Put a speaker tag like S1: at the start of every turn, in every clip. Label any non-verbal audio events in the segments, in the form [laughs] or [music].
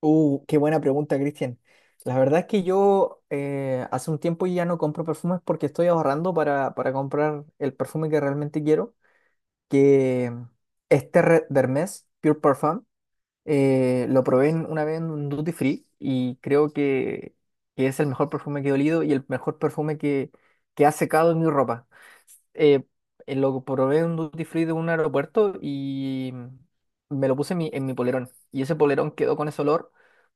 S1: Qué buena pregunta, Cristian. La verdad es que yo hace un tiempo ya no compro perfumes porque estoy ahorrando para comprar el perfume que realmente quiero, que es Terre d'Hermès Pure Parfum. Lo probé una vez en un duty free y creo que es el mejor perfume que he olido y el mejor perfume que ha secado en mi ropa. Eh, lo probé en un duty free de un aeropuerto y me lo puse en mi polerón. Y ese polerón quedó con ese olor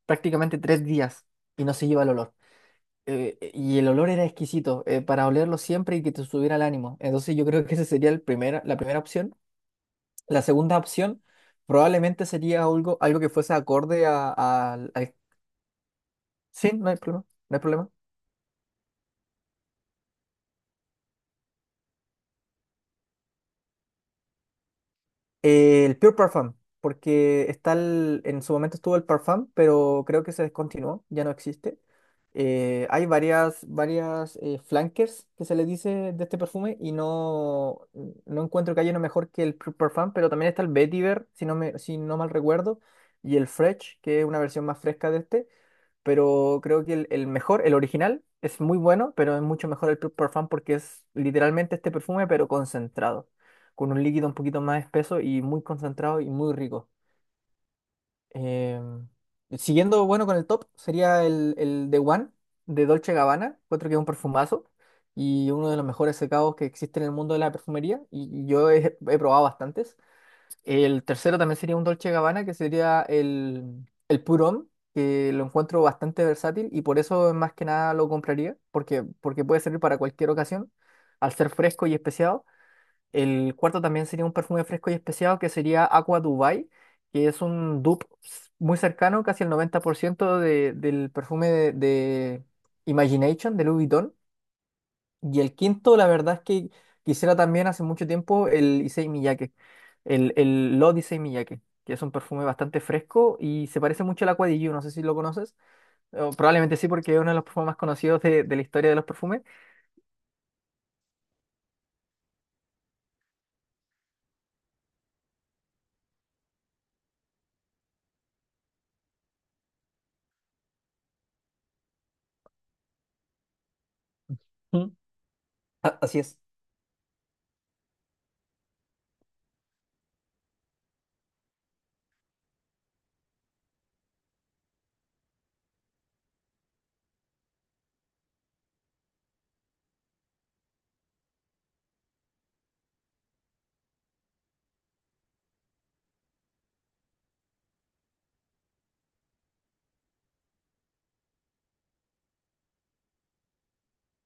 S1: prácticamente 3 días y no se lleva el olor. Y el olor era exquisito, para olerlo siempre y que te subiera el ánimo. Entonces yo creo que esa sería la primera opción. La segunda opción probablemente sería algo que fuese acorde al. Sí, no hay problema, no hay problema. El Pure Parfum, porque está en su momento estuvo el Parfum, pero creo que se descontinuó, ya no existe. Hay varias flankers que se le dice de este perfume y no, no encuentro que haya uno mejor que el Pure Parfum, pero también está el Vetiver, si no mal recuerdo, y el Fresh, que es una versión más fresca de este. Pero creo que el mejor, el original, es muy bueno, pero es mucho mejor el Pure Parfum porque es literalmente este perfume, pero concentrado, con un líquido un poquito más espeso y muy concentrado y muy rico. Em, Siguiendo, bueno, con el top, sería el The One de Dolce Gabbana, otro que es un perfumazo y uno de los mejores secados que existe en el mundo de la perfumería y yo he probado bastantes. El tercero también sería un Dolce Gabbana, que sería el Purón, que lo encuentro bastante versátil y por eso más que nada lo compraría, porque puede servir para cualquier ocasión, al ser fresco y especiado. El cuarto también sería un perfume fresco y especiado, que sería Aqua Dubai, que es un dupe muy cercano, casi el 90% del perfume de Imagination, de Louis Vuitton y el quinto, la verdad es que quisiera también hace mucho tiempo el Issey Miyake, el Lot Issey Miyake, que es un perfume bastante fresco y se parece mucho al Aqua di Giu, no sé si lo conoces, o probablemente sí porque es uno de los perfumes más conocidos de la historia de los perfumes. Mm. Así es.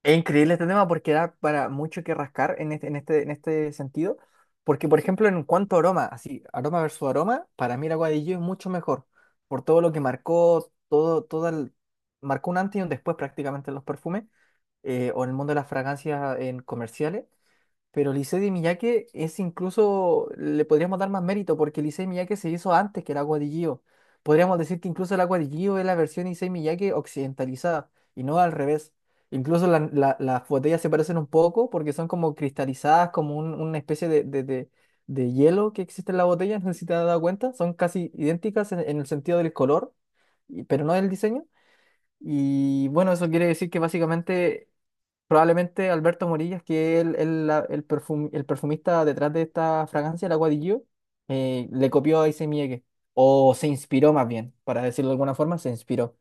S1: Es increíble este tema porque da para mucho que rascar en este sentido, porque por ejemplo en cuanto a aroma, así, aroma versus aroma, para mí el Agua de Gio es mucho mejor, por todo lo que marcó, marcó un antes y un después prácticamente en los perfumes, o en el mundo de las fragancias en comerciales, pero Lisette de Miyake es incluso, le podríamos dar más mérito porque Lisette de Miyake se hizo antes que el agua de Gio. Podríamos decir que incluso el agua de Gio es la versión Issey Miyake occidentalizada y no al revés. Incluso las botellas se parecen un poco porque son como cristalizadas, como una especie de hielo que existe en la botella, no sé si te has dado cuenta, son casi idénticas en el sentido del color, pero no del diseño. Y bueno, eso quiere decir que básicamente probablemente Alberto Morillas, que es el perfumista detrás de esta fragancia, la Agua di Gio, le copió a Issey Miyake, o se inspiró más bien, para decirlo de alguna forma, se inspiró.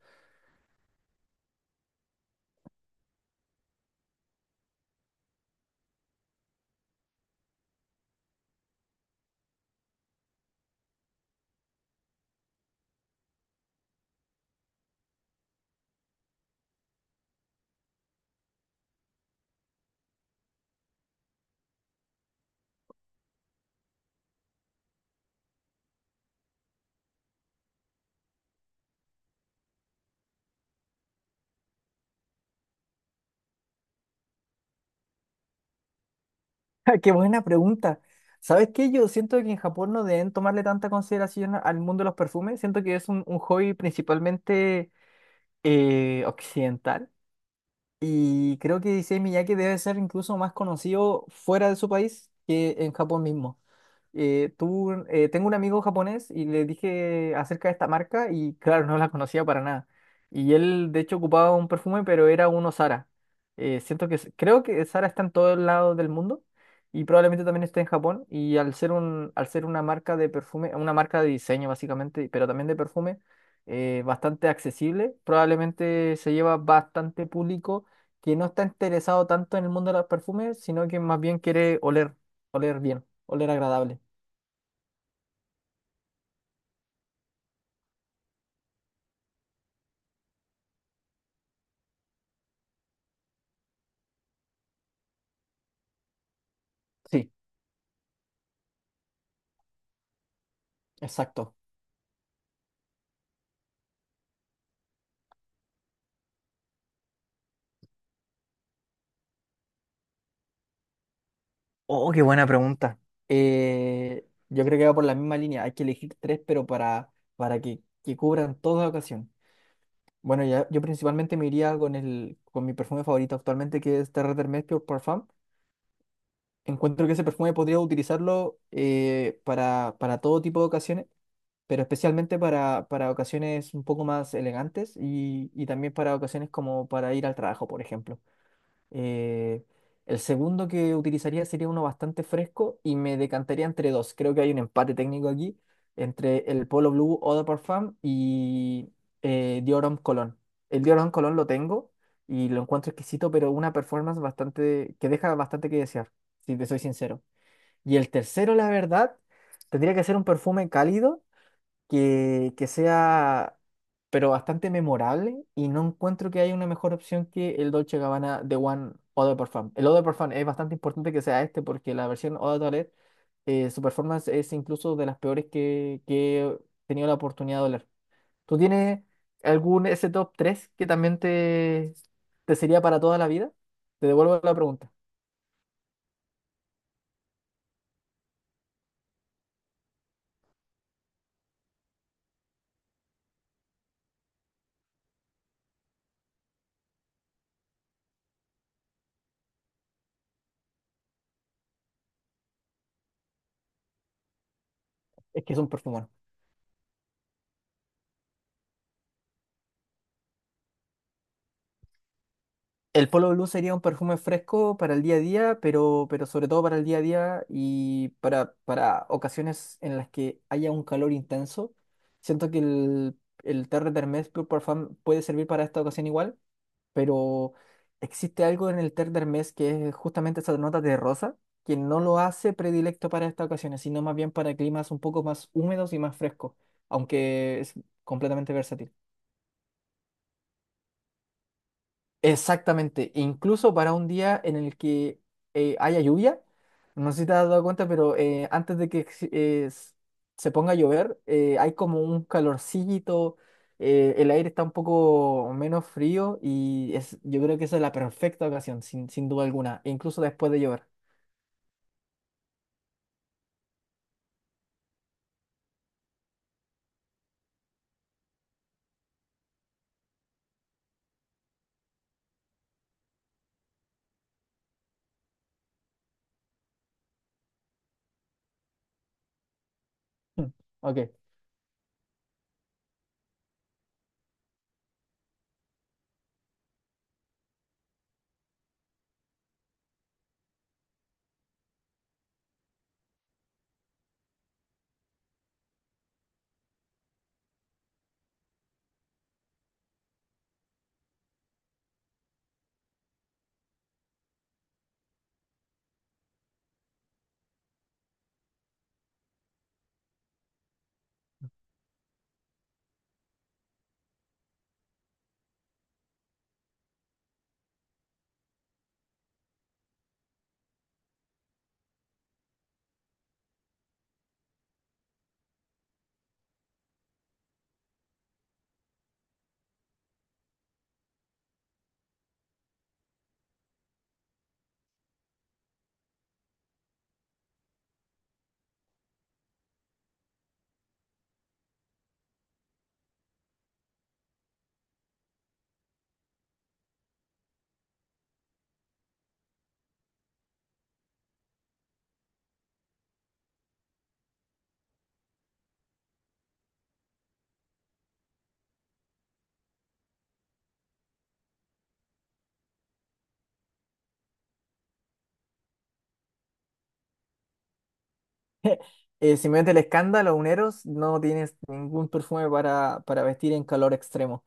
S1: [laughs] ¡Qué buena pregunta! ¿Sabes qué? Yo siento que en Japón no deben tomarle tanta consideración al mundo de los perfumes, siento que es un hobby principalmente occidental, y creo que Issey Miyake debe ser incluso más conocido fuera de su país que en Japón mismo. Tengo un amigo japonés y le dije acerca de esta marca y claro, no la conocía para nada. Y él de hecho ocupaba un perfume, pero era uno Zara. Creo que Zara está en todos lados del mundo y probablemente también esté en Japón. Y al ser una marca de perfume, una marca de diseño básicamente, pero también de perfume, bastante accesible, probablemente se lleva bastante público que no está interesado tanto en el mundo de los perfumes, sino que más bien quiere oler bien, oler agradable. Sí, exacto. Oh, qué buena pregunta. Yo creo que va por la misma línea. Hay que elegir tres, pero para que cubran toda ocasión. Bueno, ya, yo principalmente me iría con mi perfume favorito actualmente, que es Terre Hermes Pure Parfum. Encuentro que ese perfume podría utilizarlo para todo tipo de ocasiones, pero especialmente para ocasiones un poco más elegantes y también para, ocasiones como para ir al trabajo, por ejemplo. Eh, el segundo que utilizaría sería uno bastante fresco y me decantaría entre dos. Creo que hay un empate técnico aquí entre el Polo Blue Eau de Parfum y Dior Homme Cologne. El Dior Homme Cologne lo tengo y lo encuentro exquisito, pero una performance bastante que deja bastante que desear, si te soy sincero. Y el tercero, la verdad, tendría que ser un perfume cálido que sea, pero bastante memorable y no encuentro que haya una mejor opción que el Dolce Gabbana de One Eau de Parfum. El Eau de Parfum es bastante importante que sea este porque la versión Eau de Toilette, su performance es incluso de las peores que he tenido la oportunidad de oler. ¿Tú tienes algún ese top 3 que también te sería para toda la vida? Te devuelvo la pregunta. Es que es un perfumón. El Polo Blue sería un perfume fresco para el día a día, pero sobre todo para el día a día y para ocasiones en las que haya un calor intenso. Siento que el Terre d'Hermes Pure Parfum puede servir para esta ocasión igual, pero existe algo en el Terre d'Hermes que es justamente esa nota de rosa, que no lo hace predilecto para estas ocasiones, sino más bien para climas un poco más húmedos y más frescos, aunque es completamente versátil. Exactamente, incluso para un día en el que haya lluvia, no sé si te has dado cuenta, pero antes de que ex- s- se ponga a llover, hay como un calorcito, el aire está un poco menos frío y es, yo creo que esa es la perfecta ocasión, sin duda alguna, e incluso después de llover. Mm, Ok, simplemente el escándalo, los uneros no tienes ningún perfume para vestir en calor extremo.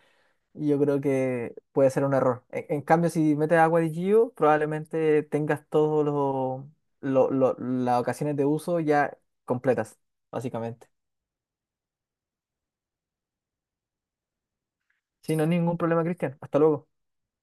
S1: Y yo creo que puede ser un error. En cambio, si metes agua de Gio, probablemente tengas todos los las ocasiones de uso ya completas, básicamente. Sí, no hay ningún problema, Cristian. Hasta luego.